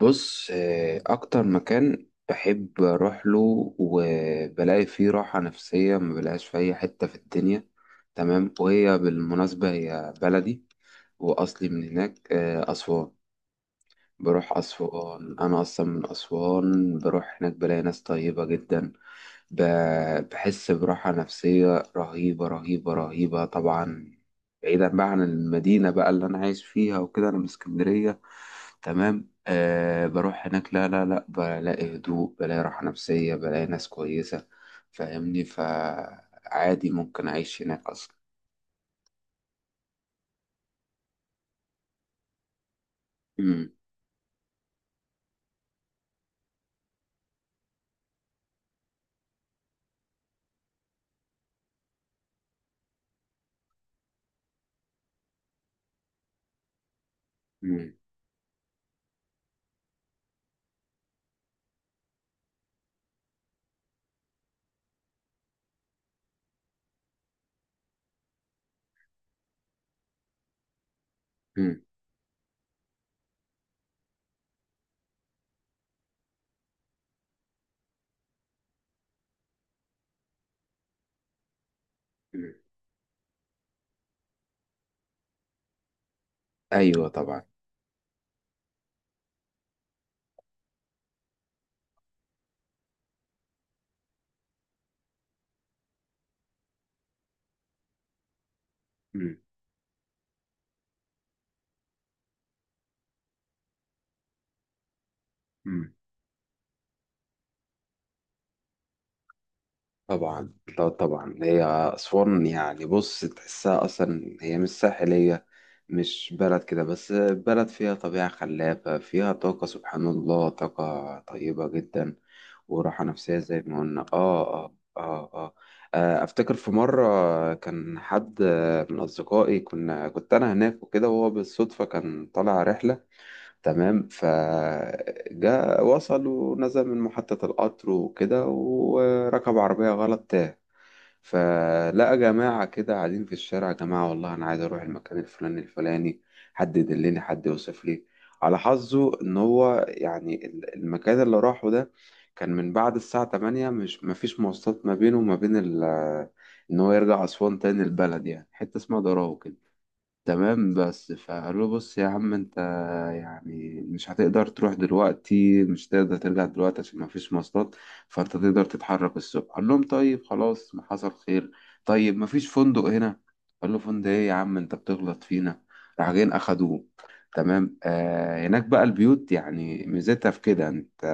بص، آه، اكتر مكان بحب اروح له وبلاقي فيه راحة نفسية ما بلاقيهاش في اي حتة في الدنيا. تمام، وهي بالمناسبة هي بلدي واصلي من هناك، آه، اسوان. بروح اسوان، انا اصلا من اسوان، بروح هناك بلاقي ناس طيبة جدا. بحس براحة نفسية رهيبة رهيبة رهيبة، طبعا بعيدا بقى عن المدينة بقى اللي أنا عايش فيها، وكده أنا من اسكندرية. تمام، أه بروح هناك، لا لا لا، بلاقي هدوء، بلاقي راحة نفسية، بلاقي ناس كويسة. فاهمني؟ فعادي ممكن أعيش هناك أصلا. مم، مم، مم، مم. أيوة طبعا. مم، مم. طبعا لا، طبعا هي أسوان يعني، بص تحسها أصلا هي مش ساحلية، مش بلد كده، بس بلد فيها طبيعة خلابة، فيها طاقة، سبحان الله، طاقة طيبة جدا وراحة نفسية زي ما قلنا. آه آه آه آه. آه، أفتكر في مرة كان حد من أصدقائي، كنت أنا هناك وكده، وهو بالصدفة كان طالع رحلة. تمام، فجاء وصل ونزل من محطة القطر وكده، وركب عربية غلط، تاه. فلقى جماعة كده قاعدين في الشارع: يا جماعة والله أنا عايز أروح المكان الفلاني الفلاني، حد يدلني، حد يوصف لي. على حظه إن هو يعني المكان اللي راحه ده كان من بعد الساعة 8، مش مفيش مواصلات ما بينه وما بين إن هو يرجع أسوان تاني، البلد يعني حتة اسمها دراو. تمام، بس فقال له: بص يا عم انت، يعني مش هتقدر تروح دلوقتي، مش هتقدر ترجع دلوقتي عشان مفيش مواصلات، فانت تقدر تتحرك الصبح. قال لهم: طيب خلاص، ما حصل خير، طيب مفيش فندق هنا؟ قال له: فندق ايه يا عم انت بتغلط فينا. راح جايين اخدوه. تمام، آه، هناك بقى البيوت يعني ميزتها في كده، انت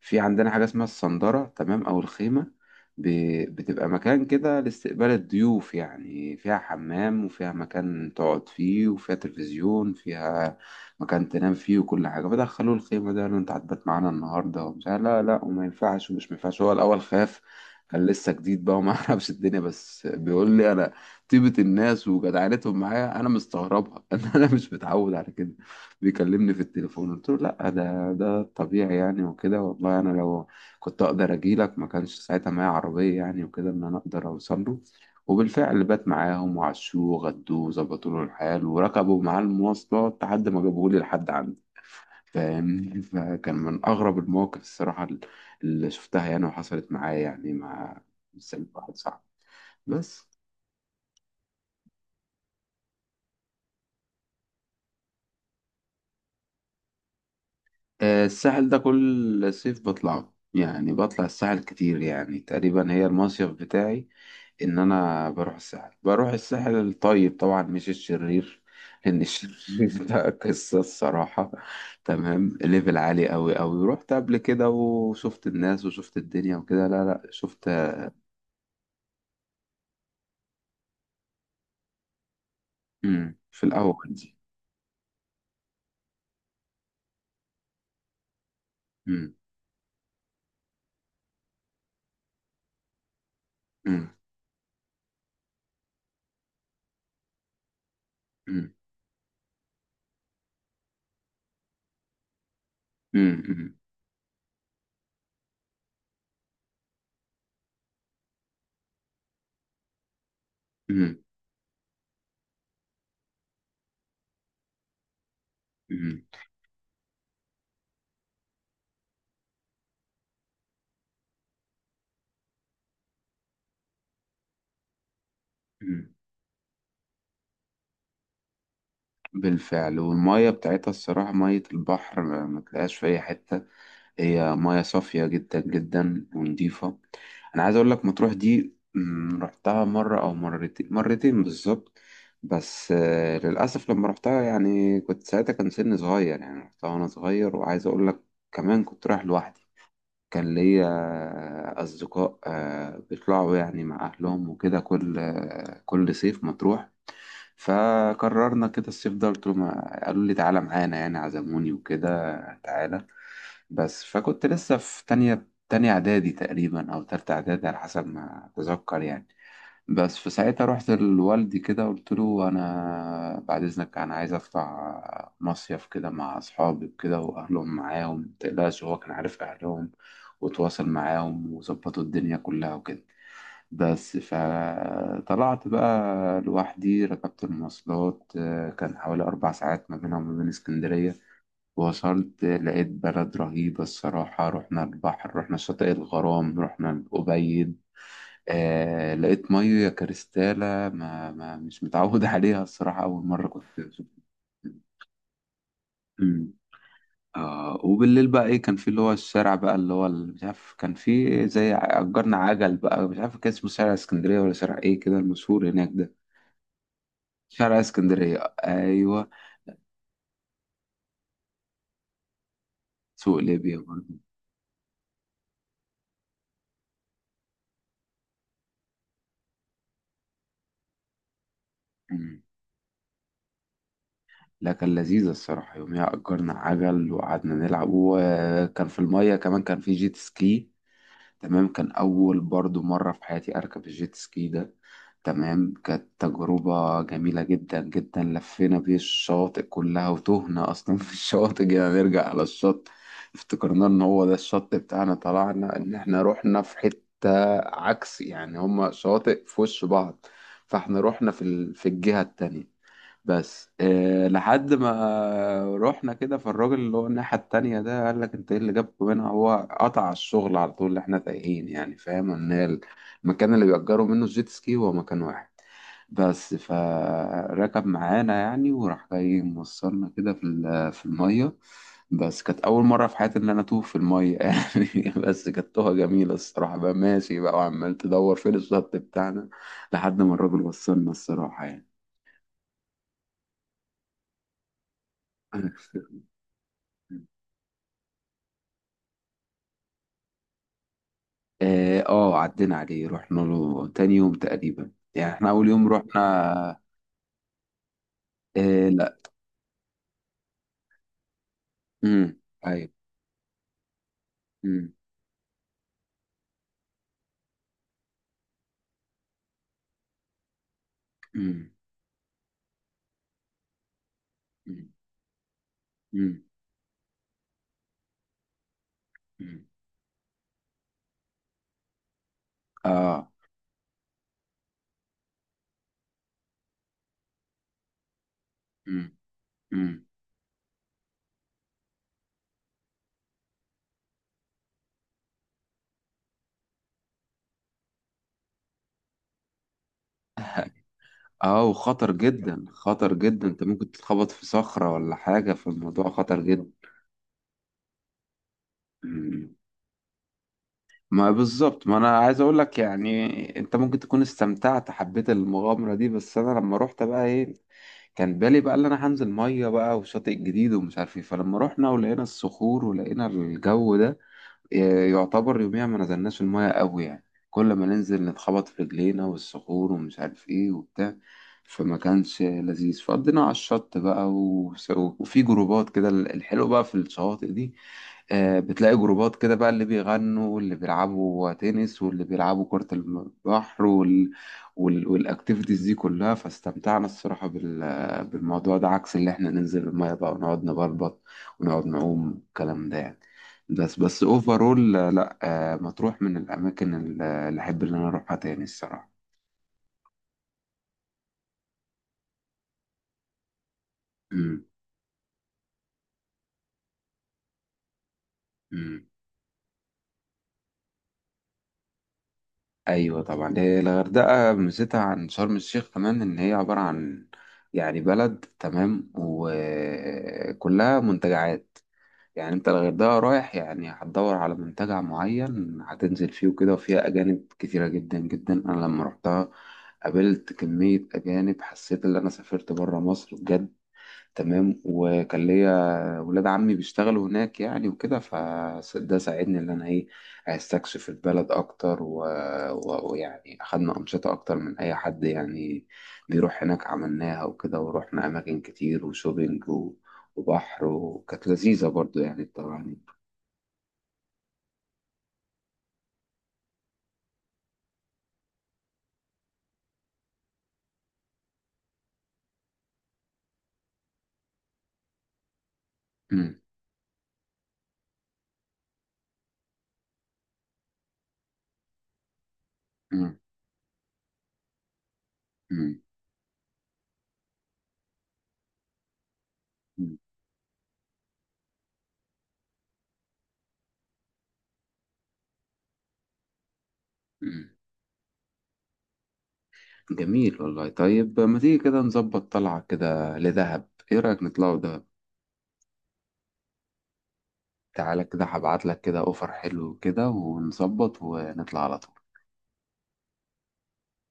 في عندنا حاجة اسمها الصندرة، تمام، او الخيمة. بتبقى مكان كده لاستقبال الضيوف يعني، فيها حمام، وفيها مكان تقعد فيه، وفيها تلفزيون، فيها مكان تنام فيه وكل حاجة. فدخلوا الخيمة ده قالوا: انت هتبات معانا النهاردة، ومش عارف لا لا وما ينفعش ومش ما ينفعش. هو الأول خاف، كان لسه جديد بقى وما يعرفش الدنيا. بس بيقول لي: انا طيبة الناس وجدعنتهم معايا انا مستغربها ان انا مش متعود على كده. بيكلمني في التليفون، قلت له: لا ده الطبيعي يعني، وكده، والله انا لو كنت اقدر اجيلك، ما كانش ساعتها معايا عربيه يعني وكده، ان انا اقدر اوصل له. وبالفعل بات معاهم، وعشوه، غدوه، وظبطوا له الحال، وركبوا معاه المواصلات لحد ما جابوه لي لحد عندي. فاهمني؟ فكان من اغرب المواقف الصراحه اللي شفتها يعني وحصلت معايا، يعني مع سلب واحد صعب بس. آه، الساحل ده كل صيف بطلعه يعني، بطلع الساحل كتير، يعني تقريبا هي المصيف بتاعي، ان انا بروح الساحل. بروح الساحل الطيب طبعا، مش الشرير، لان الشرير ده قصة الصراحة. تمام، ليفل عالي قوي قوي. رحت قبل كده وشفت الناس وشفت الدنيا وكده، لا لا شفت. مم. في الاول دي. مم. مم. مم. مم. مم. مم. مم. مم. بالفعل، والمية بتاعتها الصراحة، مية البحر ما تلاقيهاش في أي حتة، هي مياه صافية جدا جدا ونضيفة. أنا عايز أقول لك مطروح دي، مم، رحتها مرة أو مرتين، مرتين بالظبط. بس آه، للأسف لما رحتها يعني كنت ساعتها، كان سني صغير يعني، رحتها وأنا صغير. وعايز أقول لك كمان، كنت رايح لوحدي. كان ليا أصدقاء، آه، بيطلعوا يعني مع أهلهم وكده، كل آه، كل صيف مطروح. فقررنا كده الصيف ده، قلت لهم، قالوا لي: تعالى معانا، يعني عزموني وكده، تعالى. بس فكنت لسه في تانية إعدادي تقريبا، أو تالتة إعدادي على حسب ما أتذكر يعني. بس في ساعتها رحت لوالدي كده، قلت له: أنا بعد إذنك أنا عايز أطلع مصيف كده مع أصحابي وكده، وأهلهم معاهم متقلقش. هو كان عارف أهلهم وتواصل معاهم وظبطوا الدنيا كلها وكده. بس فطلعت بقى لوحدي، ركبت المواصلات، آه، كان حوالي أربع ساعات ما بينها وما بين اسكندرية. وصلت، آه، لقيت بلد رهيبة الصراحة. رحنا البحر، رحنا شاطئ الغرام، رحنا الأبيد. آه، لقيت مية كريستالة ما مش متعود عليها الصراحة، أول مرة كنت أشوف. مم. آه، وبالليل بقى ايه، كان في اللي هو الشارع بقى اللي هو مش عارف، كان في زي اجرنا عجل بقى، مش عارف كان اسمه شارع اسكندريه ولا شارع ايه كده المشهور هناك ده. شارع اسكندرية أيوة. سوق ليبيا برضه. أمم. لا، كان لذيذة الصراحة. يوميها أجرنا عجل، وقعدنا نلعب، وكان في المية كمان كان في جيت سكي. تمام، كان أول برضو مرة في حياتي أركب الجيت سكي ده. تمام، كانت تجربة جميلة جدا جدا. لفينا بيه الشواطئ كلها، وتهنا أصلا في الشواطئ. جينا نرجع على الشط، افتكرنا إن هو ده الشط بتاعنا، طلعنا إن إحنا رحنا في حتة عكس، يعني هما شواطئ في وش بعض، فإحنا رحنا في, في الجهة التانية. بس إيه، لحد ما رحنا كده فالراجل اللي هو الناحية التانية ده قال لك: انت ايه اللي جابكم هنا؟ هو قطع الشغل على طول اللي احنا تايهين يعني، فاهم ان هي المكان اللي بيأجروا منه الجيت سكي هو مكان واحد بس. فركب معانا يعني، وراح جاي موصلنا كده في في المية. بس كانت أول مرة في حياتي إن أنا أتوه في المية يعني بس كانت توهة جميلة الصراحة. بقى ماشي بقى وعمال تدور فين الشط بتاعنا لحد ما الراجل وصلنا الصراحة يعني. اه، آه، عدينا عليه، رحنا له تاني يوم تقريبا، يعني احنا اول يوم رحنا. اه لا. امم. ايوه. امم. امم. امم. امم. أمم. اه. امم. امم. اه، وخطر جدا، خطر جدا، انت ممكن تتخبط في صخرة ولا حاجة، فالموضوع خطر جدا. أمم. ما بالظبط، ما انا عايز اقول لك يعني، انت ممكن تكون استمتعت، حبيت المغامره دي، بس انا لما روحت بقى ايه، كان بالي بقى اللي انا هنزل ميه بقى وشاطئ جديد ومش عارف ايه، فلما رحنا ولقينا الصخور ولقينا الجو ده، إيه، يعتبر يوميا ما نزلناش الميه قوي يعني. كل ما ننزل نتخبط في رجلينا والصخور ومش عارف ايه وبتاع، فما كانش لذيذ. فقضينا على الشط بقى، وفي جروبات كده الحلو بقى في الشواطئ دي. آه، بتلاقي جروبات كده بقى، اللي بيغنوا واللي بيلعبوا تنس واللي بيلعبوا كرة البحر والاكتيفيتيز دي كلها. فاستمتعنا الصراحة بالموضوع ده، عكس اللي احنا ننزل المية بقى ونقعد نبلبط ونقعد نعوم الكلام ده يعني. بس اوفرول لا، آه، مطروح من الاماكن اللي احب ان انا اروحها تاني الصراحة. مم. مم. ايوه طبعا، هي الغردقه ميزتها عن شرم الشيخ كمان ان هي عباره عن، يعني، بلد تمام وكلها منتجعات. يعني انت الغردقه رايح يعني هتدور على منتجع معين هتنزل فيه وكده، وفيها اجانب كتيره جدا جدا. انا لما رحتها قابلت كميه اجانب، حسيت ان انا سافرت بره مصر بجد. تمام، وكان ليا ولاد عمي بيشتغلوا هناك يعني وكده، فده ساعدني ان انا ايه استكشف البلد اكتر ويعني اخدنا انشطه اكتر من اي حد يعني بيروح هناك. عملناها وكده، ورحنا اماكن كتير وشوبينج وبحر، وكانت لذيذه برضو يعني طبعا. مم. مم. مم. مم. مم. جميل والله. طيب ما تيجي كده نظبط طلعه كده لدهب، ايه رايك نطلعوا دهب؟ تعالى كده هبعت لك كده اوفر حلو كده، ونظبط ونطلع على طول.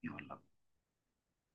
يلا.